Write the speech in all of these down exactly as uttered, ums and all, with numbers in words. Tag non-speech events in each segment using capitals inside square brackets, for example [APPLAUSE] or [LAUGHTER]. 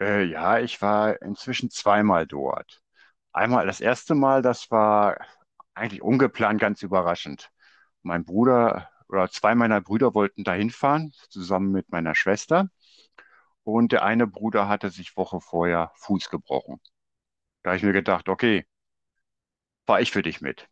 Äh, ja, ich war inzwischen zweimal dort. Einmal das erste Mal, das war eigentlich ungeplant, ganz überraschend. Mein Bruder oder zwei meiner Brüder wollten dahin fahren, zusammen mit meiner Schwester. Und der eine Bruder hatte sich Woche vorher Fuß gebrochen. Da habe ich mir gedacht, okay, fahr ich für dich mit.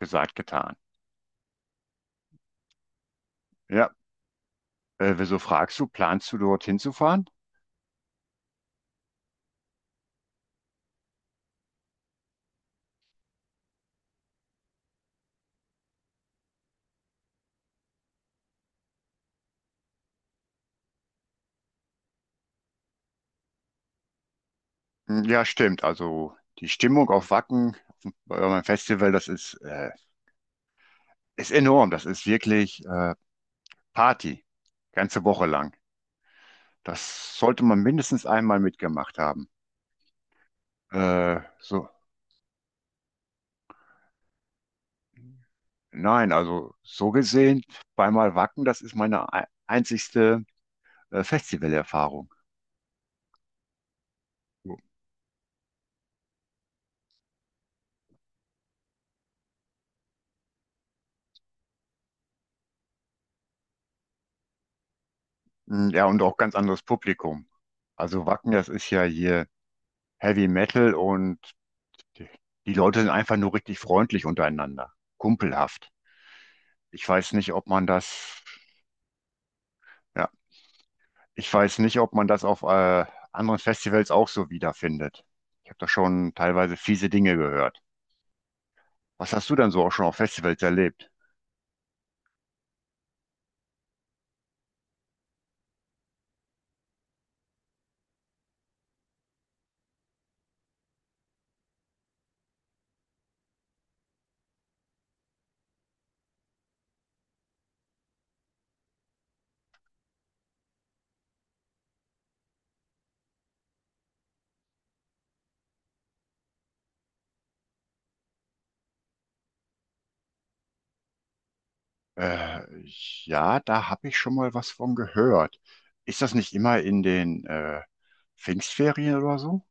Gesagt, getan. Ja, äh, wieso fragst du, planst du dorthin zu fahren? Hm, ja, stimmt. Also die Stimmung auf Wacken, bei eurem Festival, das ist, äh, ist enorm. Das ist wirklich äh, Party, ganze Woche lang. Das sollte man mindestens einmal mitgemacht haben. Äh, so, nein, also so gesehen, zweimal Wacken, das ist meine ei- einzigste äh, Festivalerfahrung. Mm, ja, und auch ganz anderes Publikum. Also Wacken, das ist ja hier Heavy Metal und die die Leute sind einfach nur richtig freundlich untereinander, kumpelhaft. Ich weiß nicht, ob man das, ja, ich weiß nicht, ob man das auf äh, anderen Festivals auch so wiederfindet. Ich habe da schon teilweise fiese Dinge gehört. Was hast du denn so auch schon auf Festivals erlebt? Äh, ja, da habe ich schon mal was von gehört. Ist das nicht immer in den äh, Pfingstferien oder so?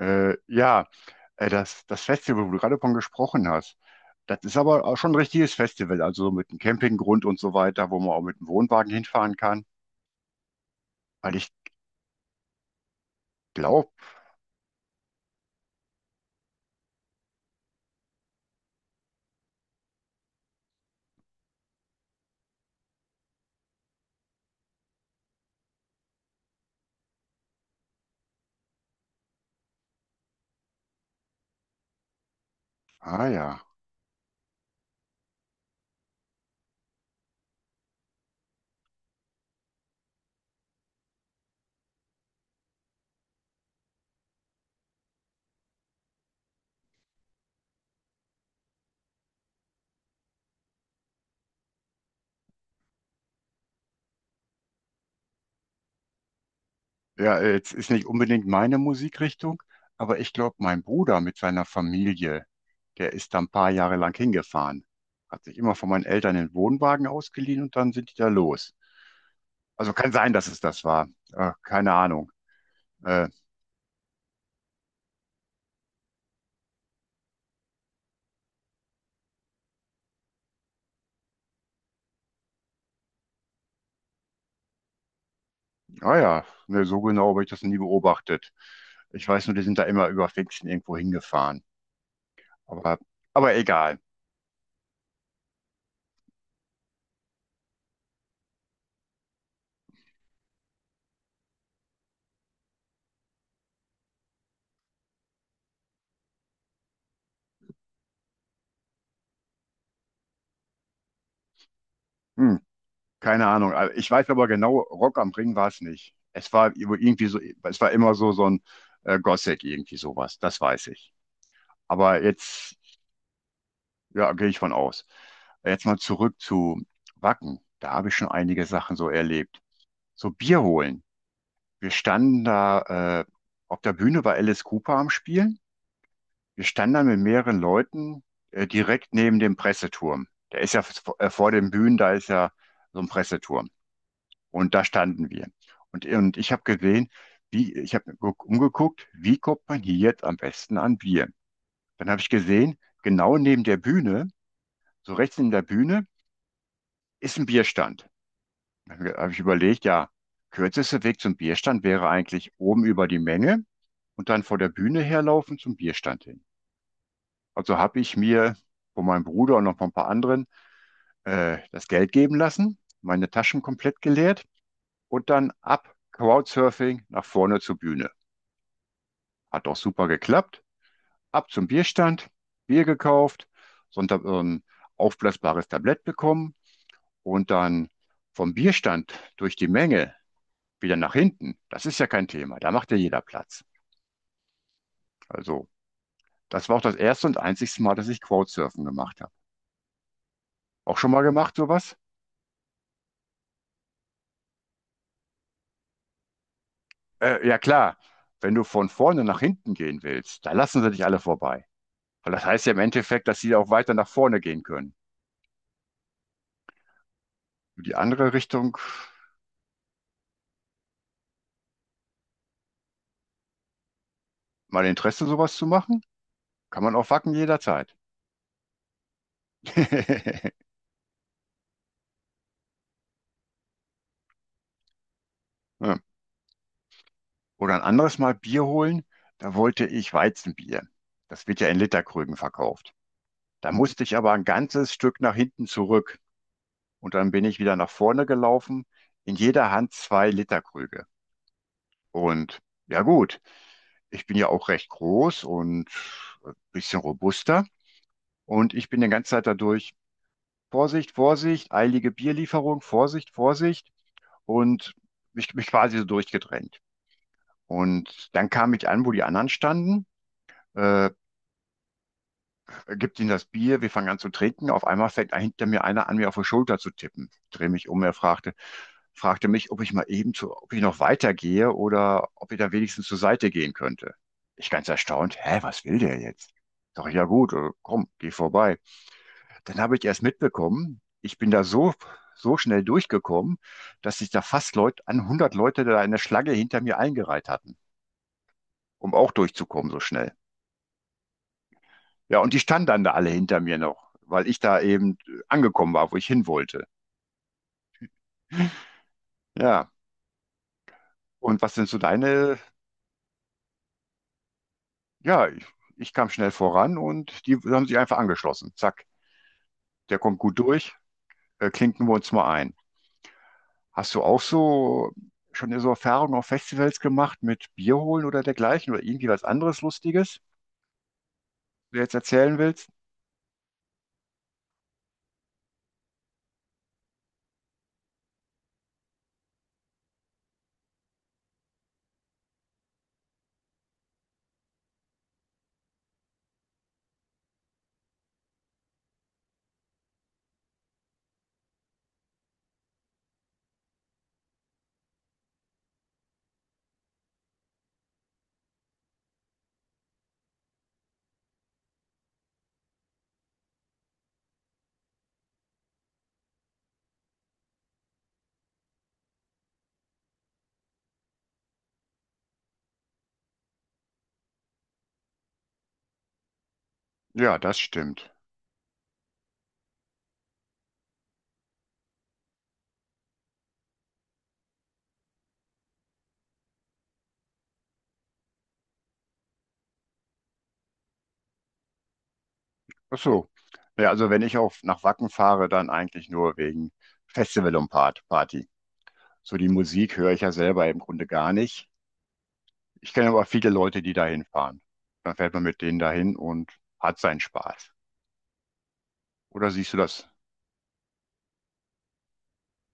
Äh, ja, äh, das, das Festival, wo du gerade von gesprochen hast. Das ist aber auch schon ein richtiges Festival, also so mit einem Campinggrund und so weiter, wo man auch mit dem Wohnwagen hinfahren kann. Weil ich glaube, ah ja, ja, äh, jetzt ist nicht unbedingt meine Musikrichtung, aber ich glaube, mein Bruder mit seiner Familie, der ist da ein paar Jahre lang hingefahren. Hat sich immer von meinen Eltern den Wohnwagen ausgeliehen und dann sind die da los. Also kann sein, dass es das war. Äh, keine Ahnung. Äh, ah ja, ne, so genau habe ich das nie beobachtet. Ich weiß nur, die sind da immer über Pfingsten irgendwo hingefahren. Aber, aber egal. Hm, keine Ahnung. Also ich weiß aber genau, Rock am Ring war es nicht. Es war über- irgendwie so, es war immer so, so ein äh, Gothic, irgendwie sowas. Das weiß ich. Aber jetzt, ja, gehe ich von aus. Jetzt mal zurück zu Wacken. Da habe ich schon einige Sachen so erlebt. So Bier holen. Wir standen da, äh, auf der Bühne war Alice Cooper am Spielen. Wir standen da mit mehreren Leuten, äh, direkt neben dem Presseturm. Der ist ja v- äh, vor den Bühnen, da ist ja so ein Presseturm. Und da standen wir. Und, und ich habe gesehen, wie, ich habe umgeguckt, wie kommt man hier jetzt am besten an Bier? Dann habe ich gesehen, genau neben der Bühne, so rechts neben der Bühne, ist ein Bierstand. Dann habe ich überlegt, ja, kürzester Weg zum Bierstand wäre eigentlich oben über die Menge und dann vor der Bühne herlaufen zum Bierstand hin. Also habe ich mir von meinem Bruder und noch von ein paar anderen äh, das Geld geben lassen, meine Taschen komplett geleert und dann ab Crowdsurfing nach vorne zur Bühne. Hat auch super geklappt. Ab zum Bierstand, Bier gekauft, Sonntag ähm, aufblasbares Tablett bekommen und dann vom Bierstand durch die Menge wieder nach hinten. Das ist ja kein Thema. Da macht ja jeder Platz. Also, das war auch das erste und einzigste Mal, dass ich Crowdsurfen gemacht habe. Auch schon mal gemacht, sowas? Äh, ja, klar. Wenn du von vorne nach hinten gehen willst, da lassen sie dich alle vorbei. Weil das heißt ja im Endeffekt, dass sie auch weiter nach vorne gehen können. Die andere Richtung, mal Interesse, sowas zu machen, kann man auch wacken jederzeit. [LAUGHS] Ja. Oder ein anderes Mal Bier holen, da wollte ich Weizenbier. Das wird ja in Literkrügen verkauft. Da musste ich aber ein ganzes Stück nach hinten zurück. Und dann bin ich wieder nach vorne gelaufen, in jeder Hand zwei Literkrüge. Und ja gut, ich bin ja auch recht groß und ein bisschen robuster. Und ich bin die ganze Zeit dadurch, Vorsicht, Vorsicht, eilige Bierlieferung, Vorsicht, Vorsicht. Und mich, mich quasi so durchgedrängt. Und dann kam ich an, wo die anderen standen, äh, gibt ihnen das Bier, wir fangen an zu trinken. Auf einmal fängt hinter mir einer an, mir auf die Schulter zu tippen. Ich drehe mich um, er fragte, fragte mich, ob ich mal eben zu, ob ich noch weitergehe oder ob ich da wenigstens zur Seite gehen könnte. Ich ganz erstaunt, hä, was will der jetzt? Sag ich, ja gut, äh, komm, geh vorbei. Dann habe ich erst mitbekommen, ich bin da so, so schnell durchgekommen, dass sich da fast Leute, an hundert Leute da in der Schlange hinter mir eingereiht hatten, um auch durchzukommen so schnell. Ja, und die standen dann da alle hinter mir noch, weil ich da eben angekommen war, wo ich hin wollte. Ja, und was sind so deine? Ja, ich, ich kam schnell voran und die haben sich einfach angeschlossen. Zack, der kommt gut durch, äh, klinken wir uns mal ein. Hast du auch so schon so Erfahrungen auf Festivals gemacht mit Bier holen oder dergleichen oder irgendwie was anderes Lustiges, was du jetzt erzählen willst? Ja, das stimmt. Ach so. Ja, also wenn ich auf nach Wacken fahre, dann eigentlich nur wegen Festival und Part Party. So die Musik höre ich ja selber im Grunde gar nicht. Ich kenne aber viele Leute, die dahin fahren. Dann fährt man mit denen dahin und hat seinen Spaß. Oder siehst du das